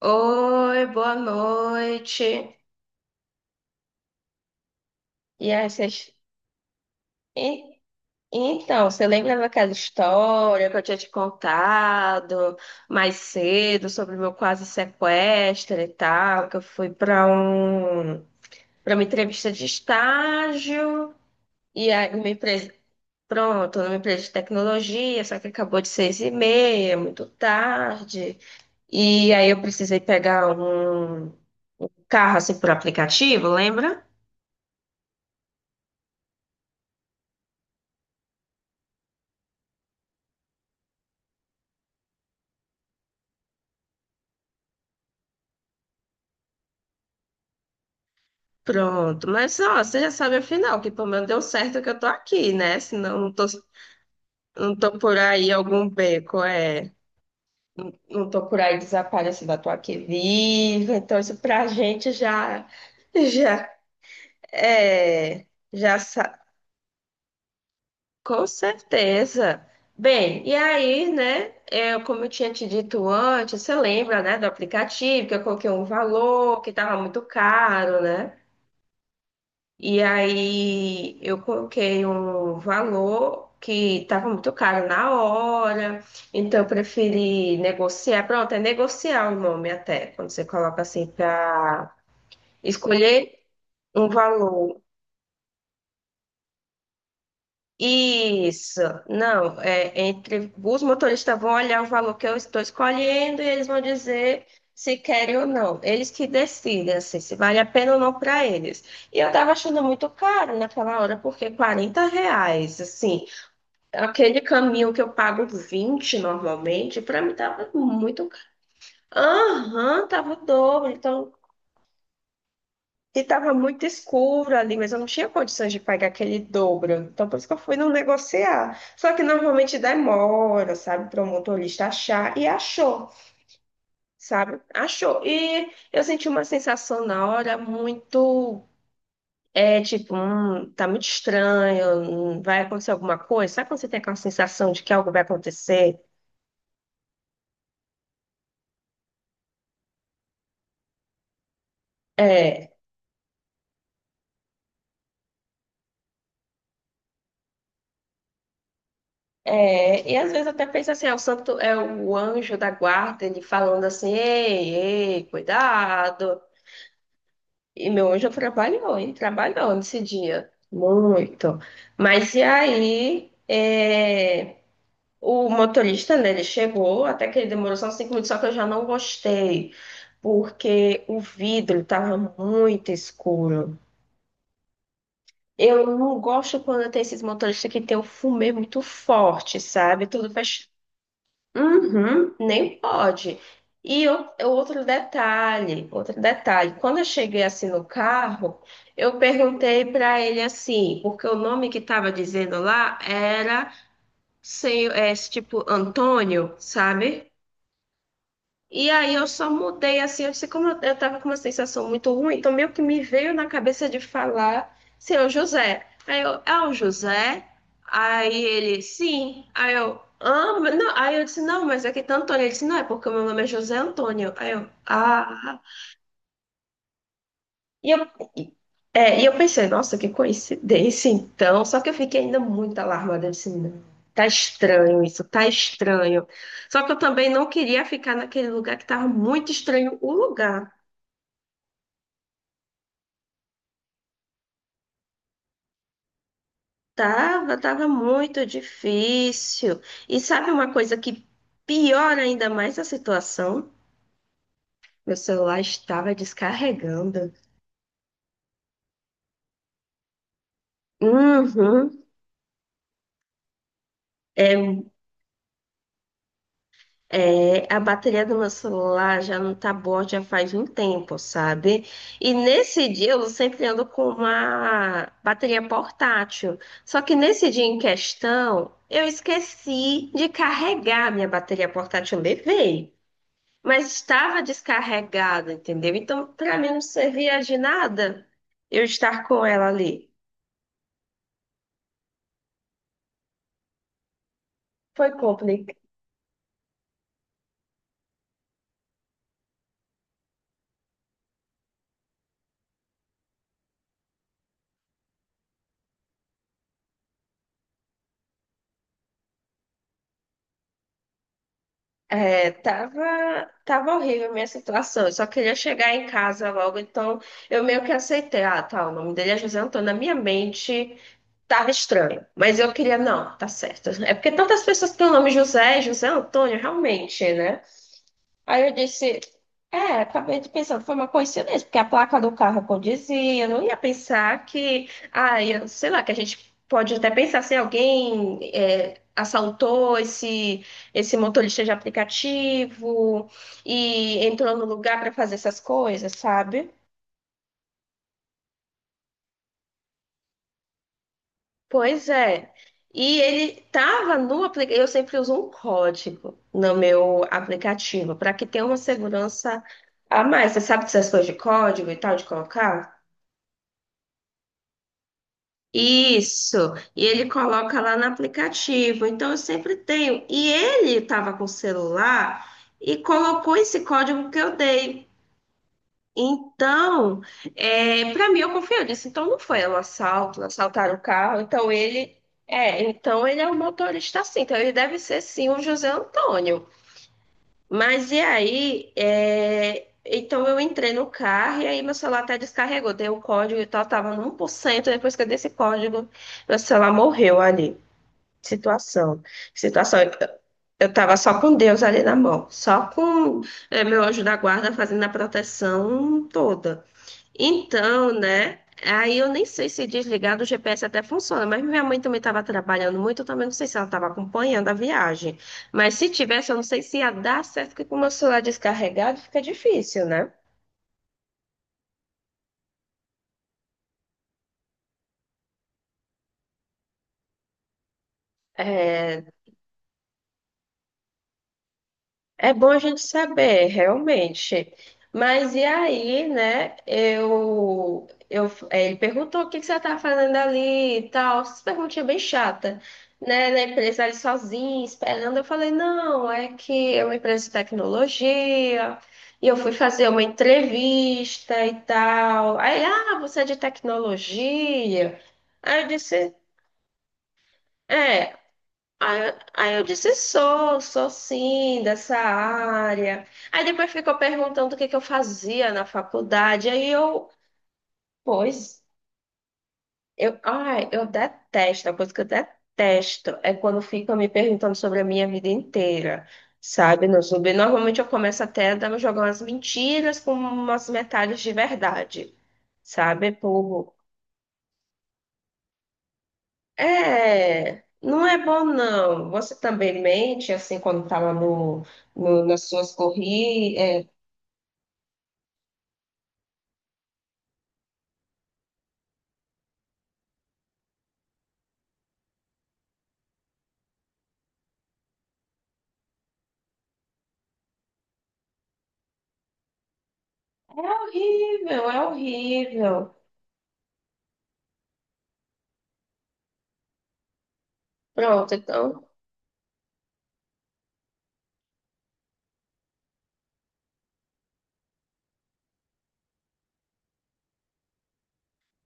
Oi, boa noite. E aí, vocês... E- Então, você lembra daquela história que eu tinha te contado mais cedo sobre o meu quase sequestro e tal, que eu fui para uma entrevista de estágio e aí uma empresa pronto, numa empresa de tecnologia, só que acabou de seis e meia, muito tarde. E aí eu precisei pegar um carro assim por aplicativo, lembra? Pronto, mas ó, você já sabe afinal que pelo menos deu certo que eu tô aqui, né? Senão não tô por aí algum beco, é. Não, não tô por aí desaparecida, eu tô aqui viva. Então isso pra gente já, já, é, já, sa- com certeza. Bem, e aí, né? Eu, como eu tinha te dito antes, você lembra, né, do aplicativo que eu coloquei um valor que tava muito caro, né? E aí eu coloquei um valor que estava muito caro na hora, então eu preferi negociar. Pronto, é negociar o nome até, quando você coloca assim para escolher um valor. Isso, não, é entre os motoristas vão olhar o valor que eu estou escolhendo e eles vão dizer se querem ou não. Eles que decidem assim, se vale a pena ou não para eles. E eu estava achando muito caro naquela hora, porque 40 reais, assim, aquele caminho que eu pago 20 normalmente, para mim tava muito caro. Aham, tava o dobro. Então, e tava muito escuro ali, mas eu não tinha condições de pagar aquele dobro. Então, por isso que eu fui não negociar. Só que normalmente demora, sabe, para o motorista achar. E achou, sabe? Achou. E eu senti uma sensação na hora muito. É tipo, tá muito estranho, vai acontecer alguma coisa. Sabe quando você tem aquela sensação de que algo vai acontecer? É. É, e às vezes até pensa assim, é o santo, é o anjo da guarda, ele falando assim, ei, ei, cuidado. E meu anjo trabalhou, e trabalhou nesse dia, muito. Mas e aí, é, o motorista, né, ele chegou, até que ele demorou só uns 5 minutos, só que eu já não gostei, porque o vidro estava muito escuro. Eu não gosto quando tem esses motoristas que tem o fumê muito forte, sabe? Tudo faz. Uhum, nem pode. E o outro detalhe, outro detalhe. Quando eu cheguei assim no carro, eu perguntei para ele assim, porque o nome que estava dizendo lá era, sei, é, tipo Antônio, sabe? E aí eu só mudei assim, eu sei como eu tava com uma sensação muito ruim, então meio que me veio na cabeça de falar, seu José. Aí eu, é o José? Aí ele, sim. Aí eu, ah, mas não. Aí eu disse, não, mas é que tá Antônio. Ele disse, não, é porque o meu nome é José Antônio. Aí eu, ah. E eu, e eu pensei, nossa, que coincidência, então. Só que eu fiquei ainda muito alarmada. Eu disse, não, tá estranho isso, tá estranho. Só que eu também não queria ficar naquele lugar que tava muito estranho o lugar. Tava, tava muito difícil. E sabe uma coisa que piora ainda mais a situação? Meu celular estava descarregando. Uhum. É. É, a bateria do meu celular já não tá boa já faz um tempo, sabe? E nesse dia eu sempre ando com uma bateria portátil. Só que nesse dia em questão, eu esqueci de carregar a minha bateria portátil. Eu levei, mas estava descarregada, entendeu? Então, para mim não servia de nada eu estar com ela ali. Foi complicado. É, tava, tava horrível a minha situação. Eu só queria chegar em casa logo, então eu meio que aceitei. Ah, tá, o nome dele é José Antônio. Na minha mente tava estranho, mas eu queria, não, tá certo. É porque tantas pessoas têm o nome José, José Antônio, realmente, né? Aí eu disse, é, acabei de pensando, foi uma coincidência, porque a placa do carro condizia, eu não ia pensar que, ah, eu, sei lá, que a gente pode até pensar se alguém é, assaltou esse motorista de aplicativo e entrou no lugar para fazer essas coisas, sabe? Pois é. E ele tava no aplicativo, eu sempre uso um código no meu aplicativo, para que tenha uma segurança a mais. Você sabe dessas coisas de código e tal, de colocar? Isso, e ele coloca lá no aplicativo. Então eu sempre tenho. E ele estava com o celular e colocou esse código que eu dei. Então, é, para mim eu confio. Eu disse, então não foi um assalto, não assaltaram o carro. Então ele é um motorista sim. Então ele deve ser sim o José Antônio. Mas e aí, é, então eu entrei no carro e aí meu celular até descarregou. Dei o código e tal, tava no 1 por cento. Depois que eu dei esse código, meu celular morreu ali. Situação, situação. Eu tava só com Deus ali na mão, só com é, meu anjo da guarda fazendo a proteção toda. Então, né? Aí eu nem sei se desligar do GPS até funciona, mas minha mãe também estava trabalhando muito, eu também não sei se ela estava acompanhando a viagem. Mas se tivesse, eu não sei se ia dar certo, porque com o meu celular descarregado fica difícil, né? É. É bom a gente saber, realmente. Mas e aí, né? Ele perguntou o que que você tá fazendo ali e tal. Essas perguntinhas bem chata, né? Na empresa ali sozinha, esperando. Eu falei, não, é que é uma empresa de tecnologia. E eu fui fazer uma entrevista e tal. Aí, ah, você é de tecnologia? Aí eu disse, é. Aí eu disse, sou, sou sim, dessa área. Aí depois ficou perguntando o que que eu fazia na faculdade. Aí eu, pois, eu, ai, eu detesto, a coisa que eu detesto é quando ficam me perguntando sobre a minha vida inteira, sabe, no Zumbi. Normalmente eu começo jogar umas mentiras com umas metades de verdade, sabe. É, não é bom não. Você também mente assim quando estava nas suas corridas. É, é horrível, é horrível. Pronto, então,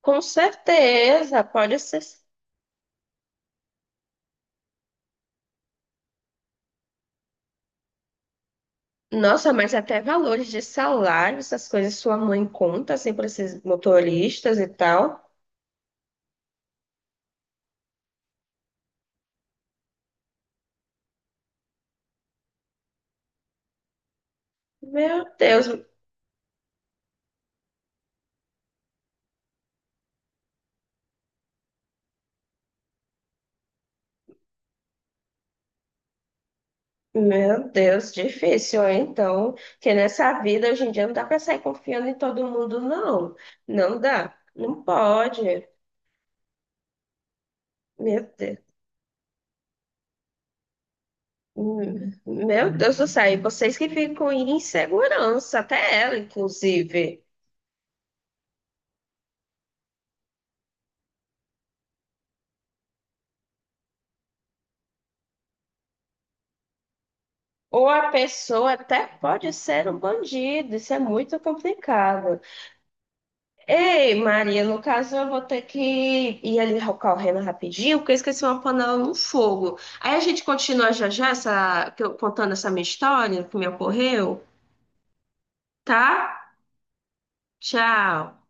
com certeza, pode ser. Nossa, mas até valores de salário, essas coisas sua mãe conta assim para esses motoristas e tal. Meu Deus, meu Deus, difícil, hein? Então, que nessa vida hoje em dia não dá para sair confiando em todo mundo, não. Não dá. Não pode. Meu Deus. Hum. Meu Deus do céu. E vocês que ficam em insegurança, até ela, inclusive. Ou a pessoa até pode ser um bandido. Isso é muito complicado. Ei, Maria, no caso eu vou ter que ir ali correndo rapidinho, porque eu esqueci uma panela no fogo. Aí a gente continua já já essa, contando essa minha história que me ocorreu, tá? Tchau.